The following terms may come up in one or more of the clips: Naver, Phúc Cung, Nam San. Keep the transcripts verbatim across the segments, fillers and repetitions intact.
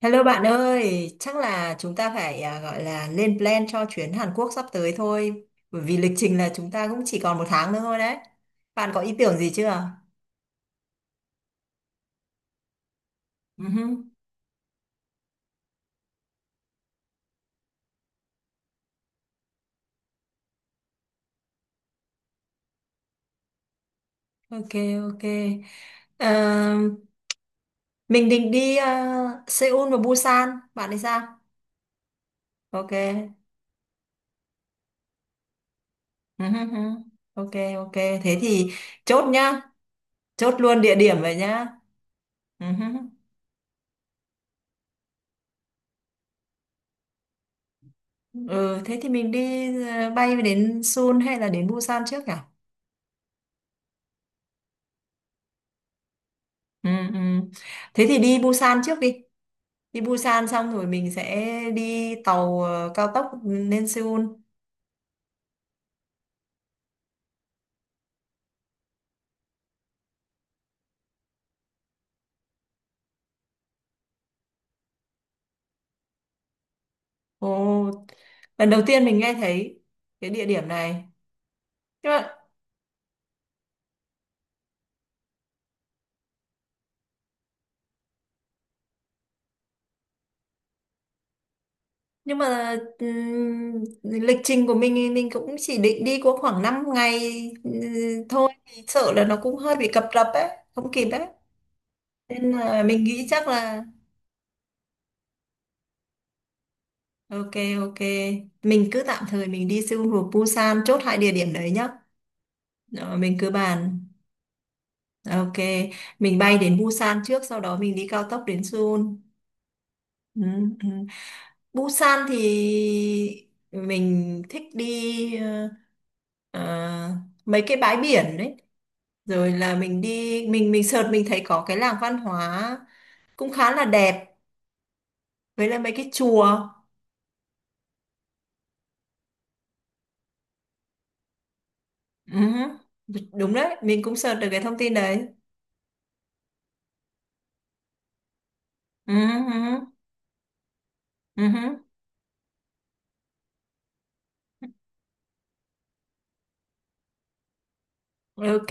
Hello bạn ơi, chắc là chúng ta phải à, gọi là lên plan cho chuyến Hàn Quốc sắp tới thôi. Bởi vì lịch trình là chúng ta cũng chỉ còn một tháng nữa thôi đấy. Bạn có ý tưởng gì chưa? Ừ hứ. Ok, ok. Ờ, mình định đi à, Seoul và Busan. Bạn thì sao? Ok. Ừ hứ hứ. Ok, ok. Thế thì chốt nhá. Chốt luôn địa điểm vậy nhá. Ừ hứ. Ừ, thế thì mình đi à, bay đến Seoul hay là đến Busan trước nhỉ? Ừ, ừ. Thế thì đi Busan trước đi. Đi Busan xong rồi mình sẽ đi tàu ờ, cao tốc lên Seoul. Ồ, lần đầu tiên mình nghe thấy cái địa điểm này. Nhưng mà, nhưng mà ừm, lịch trình của mình thì mình cũng chỉ định đi có khoảng năm ngày ừ, thôi. Thì sợ là nó cũng hơi bị cập rập ấy, không kịp ấy. Nên là mình nghĩ chắc là ok, ok. Mình cứ tạm thời mình đi Seoul rồi Busan chốt hai địa điểm đấy nhá. Ờ, mình cứ bàn. Ok, mình bay đến Busan trước, sau đó mình đi cao tốc đến Seoul. Ừ, ừ. Busan thì mình thích đi ờ, ờ, mấy cái bãi biển đấy. Rồi là mình đi, mình mình sợt mình thấy có cái làng văn hóa cũng khá là đẹp, với lại mấy cái chùa. Ừ, đúng đấy, mình cũng sợt được cái thông tin đấy. Ừ, ừ, ừ. Ok,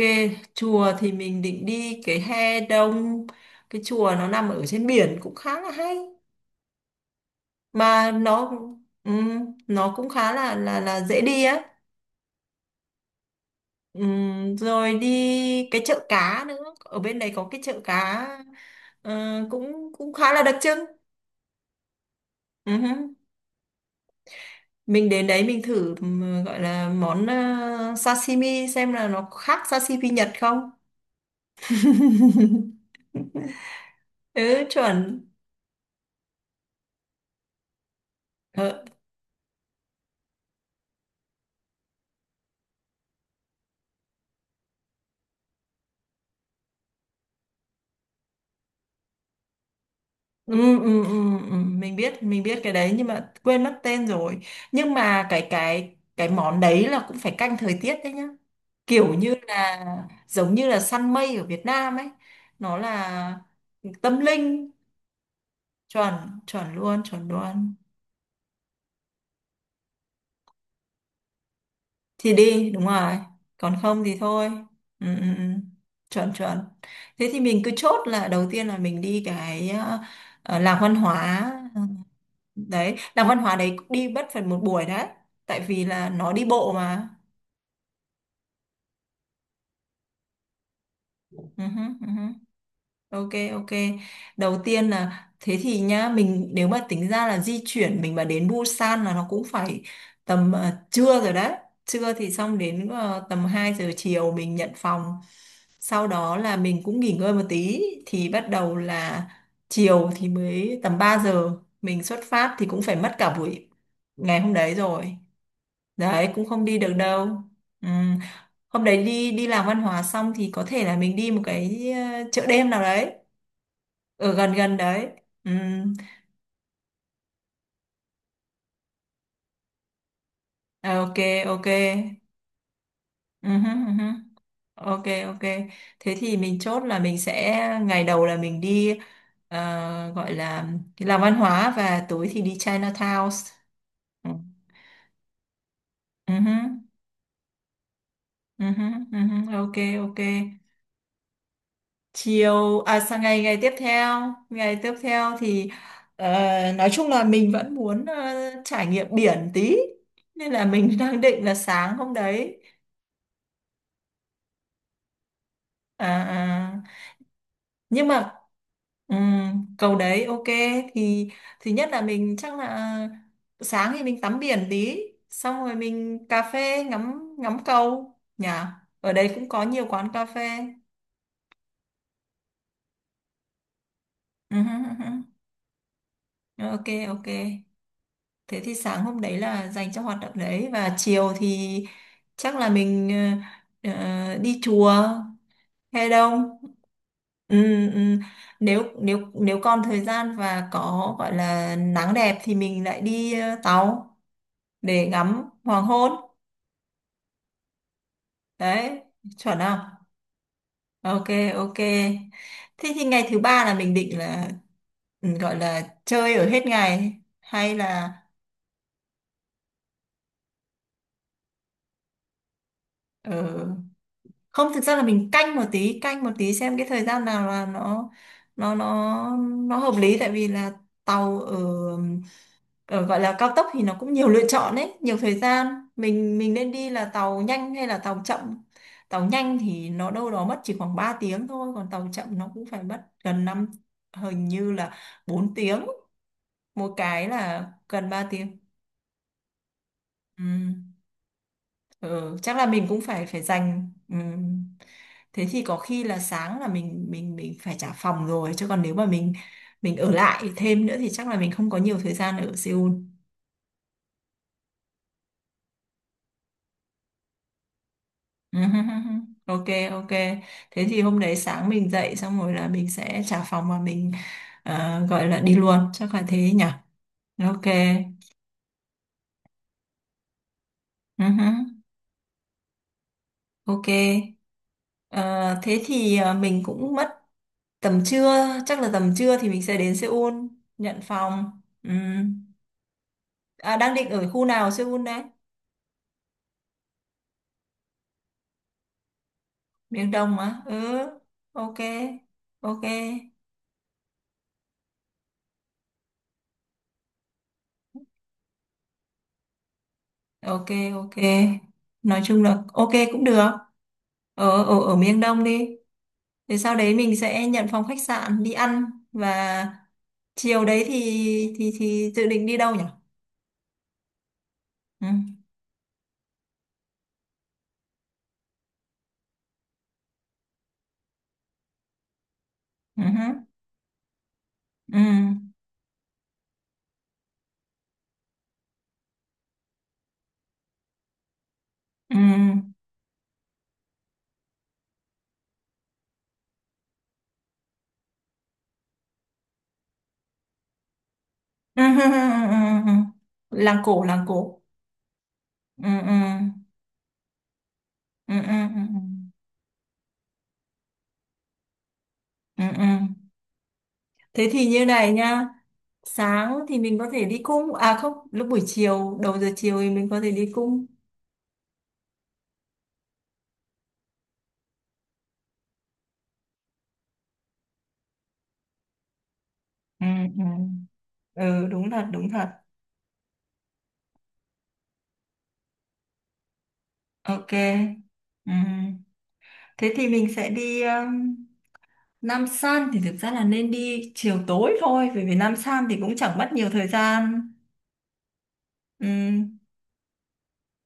chùa thì mình định đi cái he đông, cái chùa nó nằm ở trên biển cũng khá là hay mà nó ừm, nó cũng khá là là là dễ đi á. Ừm, rồi đi cái chợ cá nữa, ở bên đấy có cái chợ cá ờ, cũng cũng khá là đặc trưng. Ừm. Mình đến đấy mình thử ừm, gọi là món ờ, sashimi xem là nó khác sashimi Nhật không. Ừ chuẩn. Ờ, ừ, ừ, ừ, ừ, mình biết mình biết cái đấy nhưng mà quên mất tên rồi. Nhưng mà cái cái cái món đấy là cũng phải canh thời tiết đấy nhá, kiểu như là giống như là săn mây ở Việt Nam ấy, nó là tâm linh. Chuẩn, chuẩn luôn, chuẩn luôn. Thì đi đúng rồi, còn không thì thôi. Ừ, ừ, ừ. Chuẩn, chuẩn. Thế thì mình cứ chốt là đầu tiên là mình đi cái ờ, ờ, làng văn hóa đấy, làng văn hóa đấy đi mất phần một buổi đấy tại vì là nó đi bộ mà. Ừ hứ, ừ hứ. Ok, ok. Đầu tiên là thế thì nhá, mình nếu mà tính ra là di chuyển mình mà đến Busan là nó cũng phải tầm ờ, trưa rồi đấy. Trưa thì xong đến ờ, tầm hai giờ chiều mình nhận phòng, sau đó là mình cũng nghỉ ngơi một tí thì bắt đầu là chiều thì mới tầm ba giờ mình xuất phát thì cũng phải mất cả buổi ngày hôm đấy rồi. Đấy cũng không đi được đâu. Ừ. Hôm đấy đi đi làm văn hóa xong thì có thể là mình đi một cái ờ, chợ đêm nào đấy ở gần gần đấy. Ừ. Ờ, ok, ok. Ừ, hứ, ừ, hứ. Ok, ok. Thế thì mình chốt là mình sẽ ngày đầu là mình đi ờ, gọi là cái làm văn hóa và tối thì đi Chinatown. Ừ. Ừ, hứ, ừ, hứ, ừ, hứ. Ok, ok. Chiều à, sang ngày ngày tiếp theo ngày tiếp theo thì ờ, nói chung là mình vẫn muốn ờ, trải nghiệm biển tí, nên là mình đang định là sáng hôm đấy, à, à, nhưng mà ừm, cầu đấy ok, thì thì nhất là mình chắc là sáng thì mình tắm biển tí, xong rồi mình cà phê ngắm ngắm cầu nhỉ. Ở đây cũng có nhiều quán cà phê. Ừ, ừ, ừ, ừ. Ok, ok. Thế thì sáng hôm đấy là dành cho hoạt động đấy và chiều thì chắc là mình ờ, ờ, đi chùa hay đâu. Ừ, ừ. Nếu nếu nếu còn thời gian và có gọi là nắng đẹp thì mình lại đi ờ, tàu để ngắm hoàng hôn. Đấy, chuẩn không? Ok, ok. Thế thì ngày thứ ba là mình định là ừ, gọi là chơi ở hết ngày hay là ừ, không, thực ra là mình canh một tí canh một tí xem cái thời gian nào là nó nó nó nó hợp lý tại vì là tàu ở, ở gọi là cao tốc thì nó cũng nhiều lựa chọn đấy, nhiều thời gian, mình mình nên đi là tàu nhanh hay là tàu chậm. Tàu nhanh thì nó đâu đó mất chỉ khoảng ba tiếng thôi, còn tàu chậm nó cũng phải mất gần năm, hình như là bốn tiếng, một cái là gần ba tiếng. Ừ. Ừ, chắc là mình cũng phải phải dành ừ. Thế thì có khi là sáng là mình mình mình phải trả phòng rồi, chứ còn nếu mà mình mình ở lại thêm nữa thì chắc là mình không có nhiều thời gian ở Seoul. Ừ, hứ, hứ, hứ. Ok, ok. Thế thì hôm đấy sáng mình dậy xong rồi là mình sẽ trả phòng và mình ờ, gọi là đi luôn, chắc là thế nhỉ. Ok. Ừ, hứ. Ok. Ờ, thế thì ờ, mình cũng mất tầm trưa, chắc là tầm trưa thì mình sẽ đến Seoul nhận phòng. Ừ. À, đang định ở khu nào Seoul đấy? Miền Đông á? Ừ, ok, ok, ok, ok. Nói chung là ok cũng được. Ở, ở, ở miền Đông đi. Thì sau đấy mình sẽ nhận phòng khách sạn đi ăn, và chiều đấy thì thì thì dự định đi đâu nhỉ? Ừ, ừ, ừ, ừ, ừ, ừ, ừ. Làng cổ, làng cổ. Ừ, ừ, ừ, ừ, ừ, ừ. Ừ, ừ. Thế thì như này nhá. Sáng thì mình có thể đi cung, à không, lúc buổi chiều đầu giờ chiều thì mình có thể đi cung. Ừ, ừ. Ừ đúng thật đúng thật. Ok, ừ. Thế thì mình sẽ đi um, Nam San thì thực ra là nên đi chiều tối thôi bởi vì Nam San thì cũng chẳng mất nhiều thời gian. Ừ,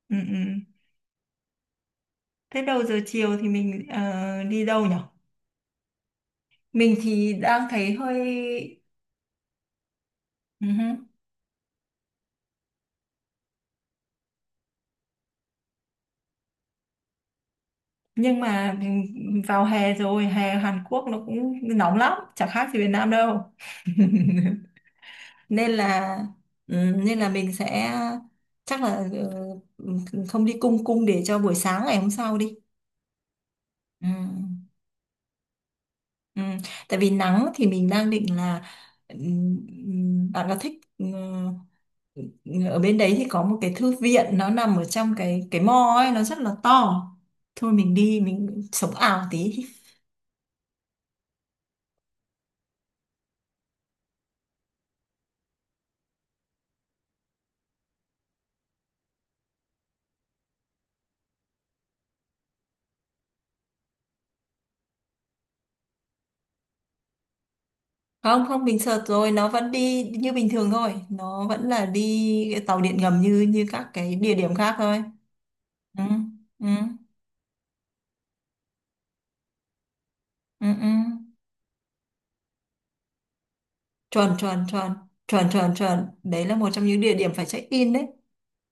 ừ, ừ. Thế đầu giờ chiều thì mình ờ, đi đâu nhở. Mình thì đang thấy hơi ừ. Nhưng mà vào hè rồi, hè Hàn Quốc nó cũng nóng lắm chẳng khác gì Việt Nam đâu. Nên là ừm, nên là mình sẽ chắc là ừ, không đi cung, cung để cho buổi sáng ngày hôm sau đi. Ừ. Ừ. Tại vì nắng thì mình đang định là ừm, bạn có thích ừ, ở bên đấy thì có một cái thư viện nó nằm ở trong cái cái mall ấy, nó rất là to, thôi mình đi mình sống ảo tí. Không, không, mình sợt rồi, nó vẫn đi như bình thường thôi, nó vẫn là đi cái tàu điện ngầm như như các cái địa điểm khác thôi. Ừ, ừ, ừ, ừ. Chuẩn, chuẩn, chuẩn, chuẩn, chuẩn, chuẩn, đấy là một trong những địa điểm phải check in đấy.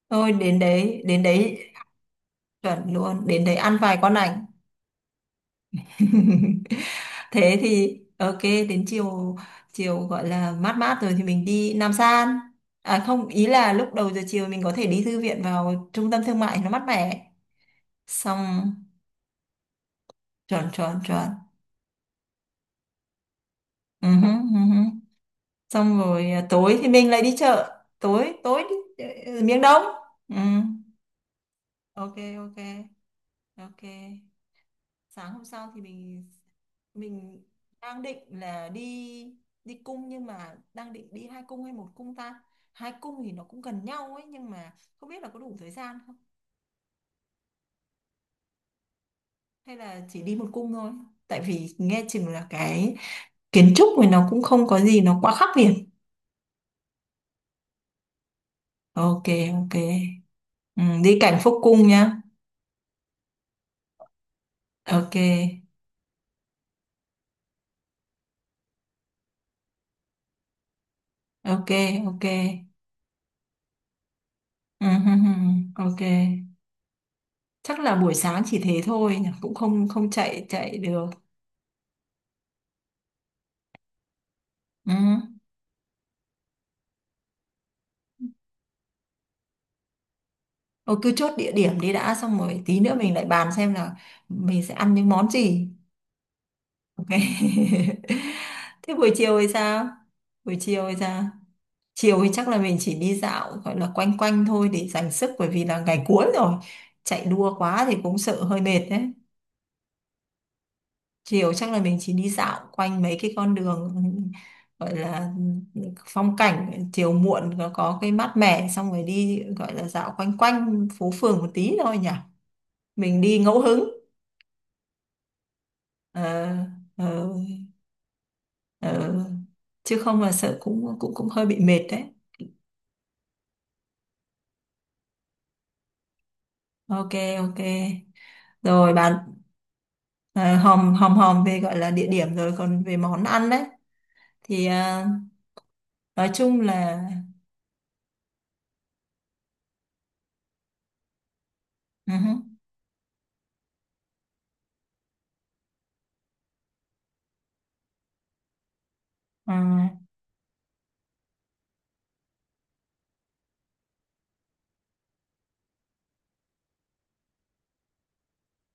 Thôi đến đấy, đến đấy. Chuẩn luôn, đến đấy ăn vài con ảnh. Thế thì ok, đến chiều chiều gọi là mát mát rồi thì mình đi Nam San, à không, ý là lúc đầu giờ chiều mình có thể đi thư viện vào trung tâm thương mại nó mát mẻ. Xong chuẩn, chuẩn, chuẩn. Ừ, hứ, ừ hứ. Xong rồi à, tối thì mình lại đi chợ tối tối, đi ờ, ờ, miếng đông. Ừ. Ok, ok, ok. Sáng hôm sau thì mình mình đang định là đi đi cung nhưng mà đang định đi hai cung hay một cung ta. Hai cung thì nó cũng gần nhau ấy nhưng mà không biết là có đủ thời gian không, hay là chỉ đi một cung thôi, tại vì nghe chừng là cái kiến trúc này nó cũng không có gì nó quá khác biệt. Ok, ok. Ừ, đi cảnh Phúc Cung nhá. Ok, ok, ok. Ừ, hừ, hừ, ok. Chắc là buổi sáng chỉ thế thôi nhỉ, cũng không không chạy chạy được. Ừ. Thôi cứ chốt địa điểm đi đã, xong rồi tí nữa mình lại bàn xem là mình sẽ ăn những món gì. Ok. Thế buổi chiều thì sao, buổi chiều thì sao chiều thì chắc là mình chỉ đi dạo gọi là quanh quanh thôi để dành sức bởi vì là ngày cuối rồi, chạy đua quá thì cũng sợ hơi mệt đấy. Chiều chắc là mình chỉ đi dạo quanh mấy cái con đường gọi là phong cảnh chiều muộn có, có cái mát mẻ, xong rồi đi gọi là dạo quanh quanh phố phường một tí thôi nhỉ. Mình đi ngẫu hứng. ờ, ờ, ờ. Chứ không là sợ cũng cũng cũng hơi bị mệt đấy. Ok, ok. Rồi bạn, ờ, hòm hòm hòm về gọi là địa điểm rồi, còn về món ăn đấy thì ờ, nói chung là ừ hứ, ờ,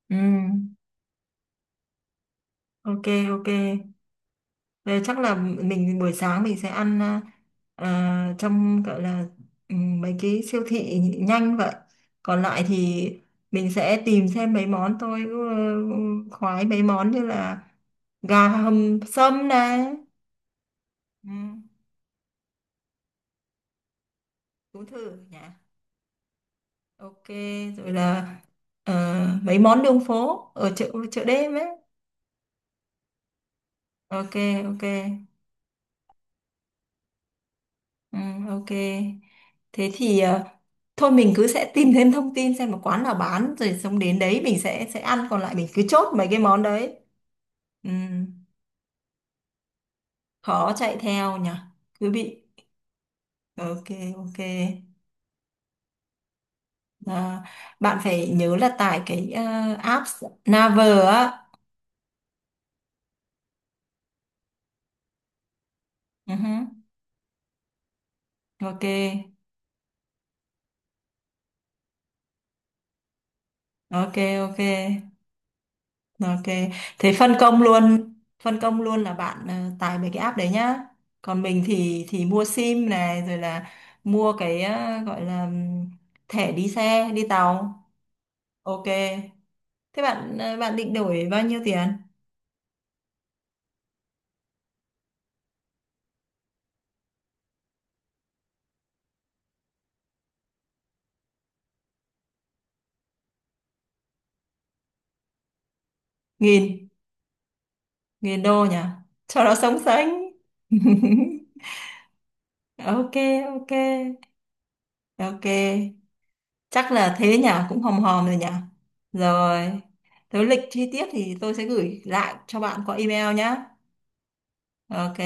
ừ, ok, ok. Ờ, chắc là mình buổi sáng mình sẽ ăn à, à, trong gọi là ừm, mấy cái siêu thị nhanh vậy. Còn lại thì mình sẽ tìm xem mấy món tôi ừ, khoái mấy món như là gà hầm sâm này. Ừ, Tú thử nhỉ. Ok, rồi là ờ, mấy món đường phố ở chợ chợ đêm ấy. Ok, ok. Ừ, ok. Thế thì ờ, thôi mình cứ sẽ tìm thêm thông tin xem một quán nào bán rồi xong đến đấy mình sẽ sẽ ăn, còn lại mình cứ chốt mấy cái món đấy. Ừ, khó chạy theo nhỉ. Cứ bị ok, ok. À, bạn phải nhớ là tải cái ờ, app Naver á. Ừ hứ, ok. Ok, ok. Ok, thế phân công luôn, phân công luôn là bạn ờ, tải mấy cái app đấy nhá. Còn mình thì thì mua sim này rồi là mua cái ờ, gọi là ừm, thẻ đi xe, đi tàu. Ok. Thế bạn ờ, bạn định đổi bao nhiêu tiền? Nghìn, nghìn đô nhỉ? Cho nó sống sánh. Ok, ok. Ok. Chắc là thế nhỉ, cũng hòm hòm rồi nhỉ. Rồi. Thế lịch chi tiết thì tôi sẽ gửi lại cho bạn qua email nhá. Ok.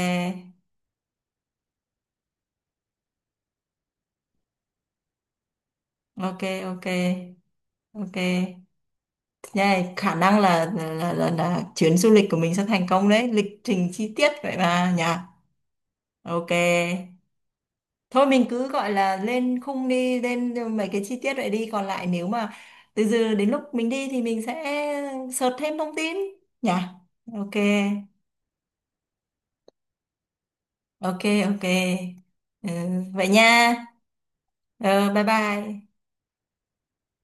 Ok, ok, ok nha. Khả năng là là, là là chuyến du lịch của mình sẽ thành công đấy, lịch trình chi tiết vậy mà nhỉ. Ok, thôi mình cứ gọi là lên khung đi, lên mấy cái chi tiết vậy đi, còn lại nếu mà từ giờ đến lúc mình đi thì mình sẽ search thêm thông tin nhỉ. Ok, ok, ok. Ừ, vậy nha. Ừ, bye bye.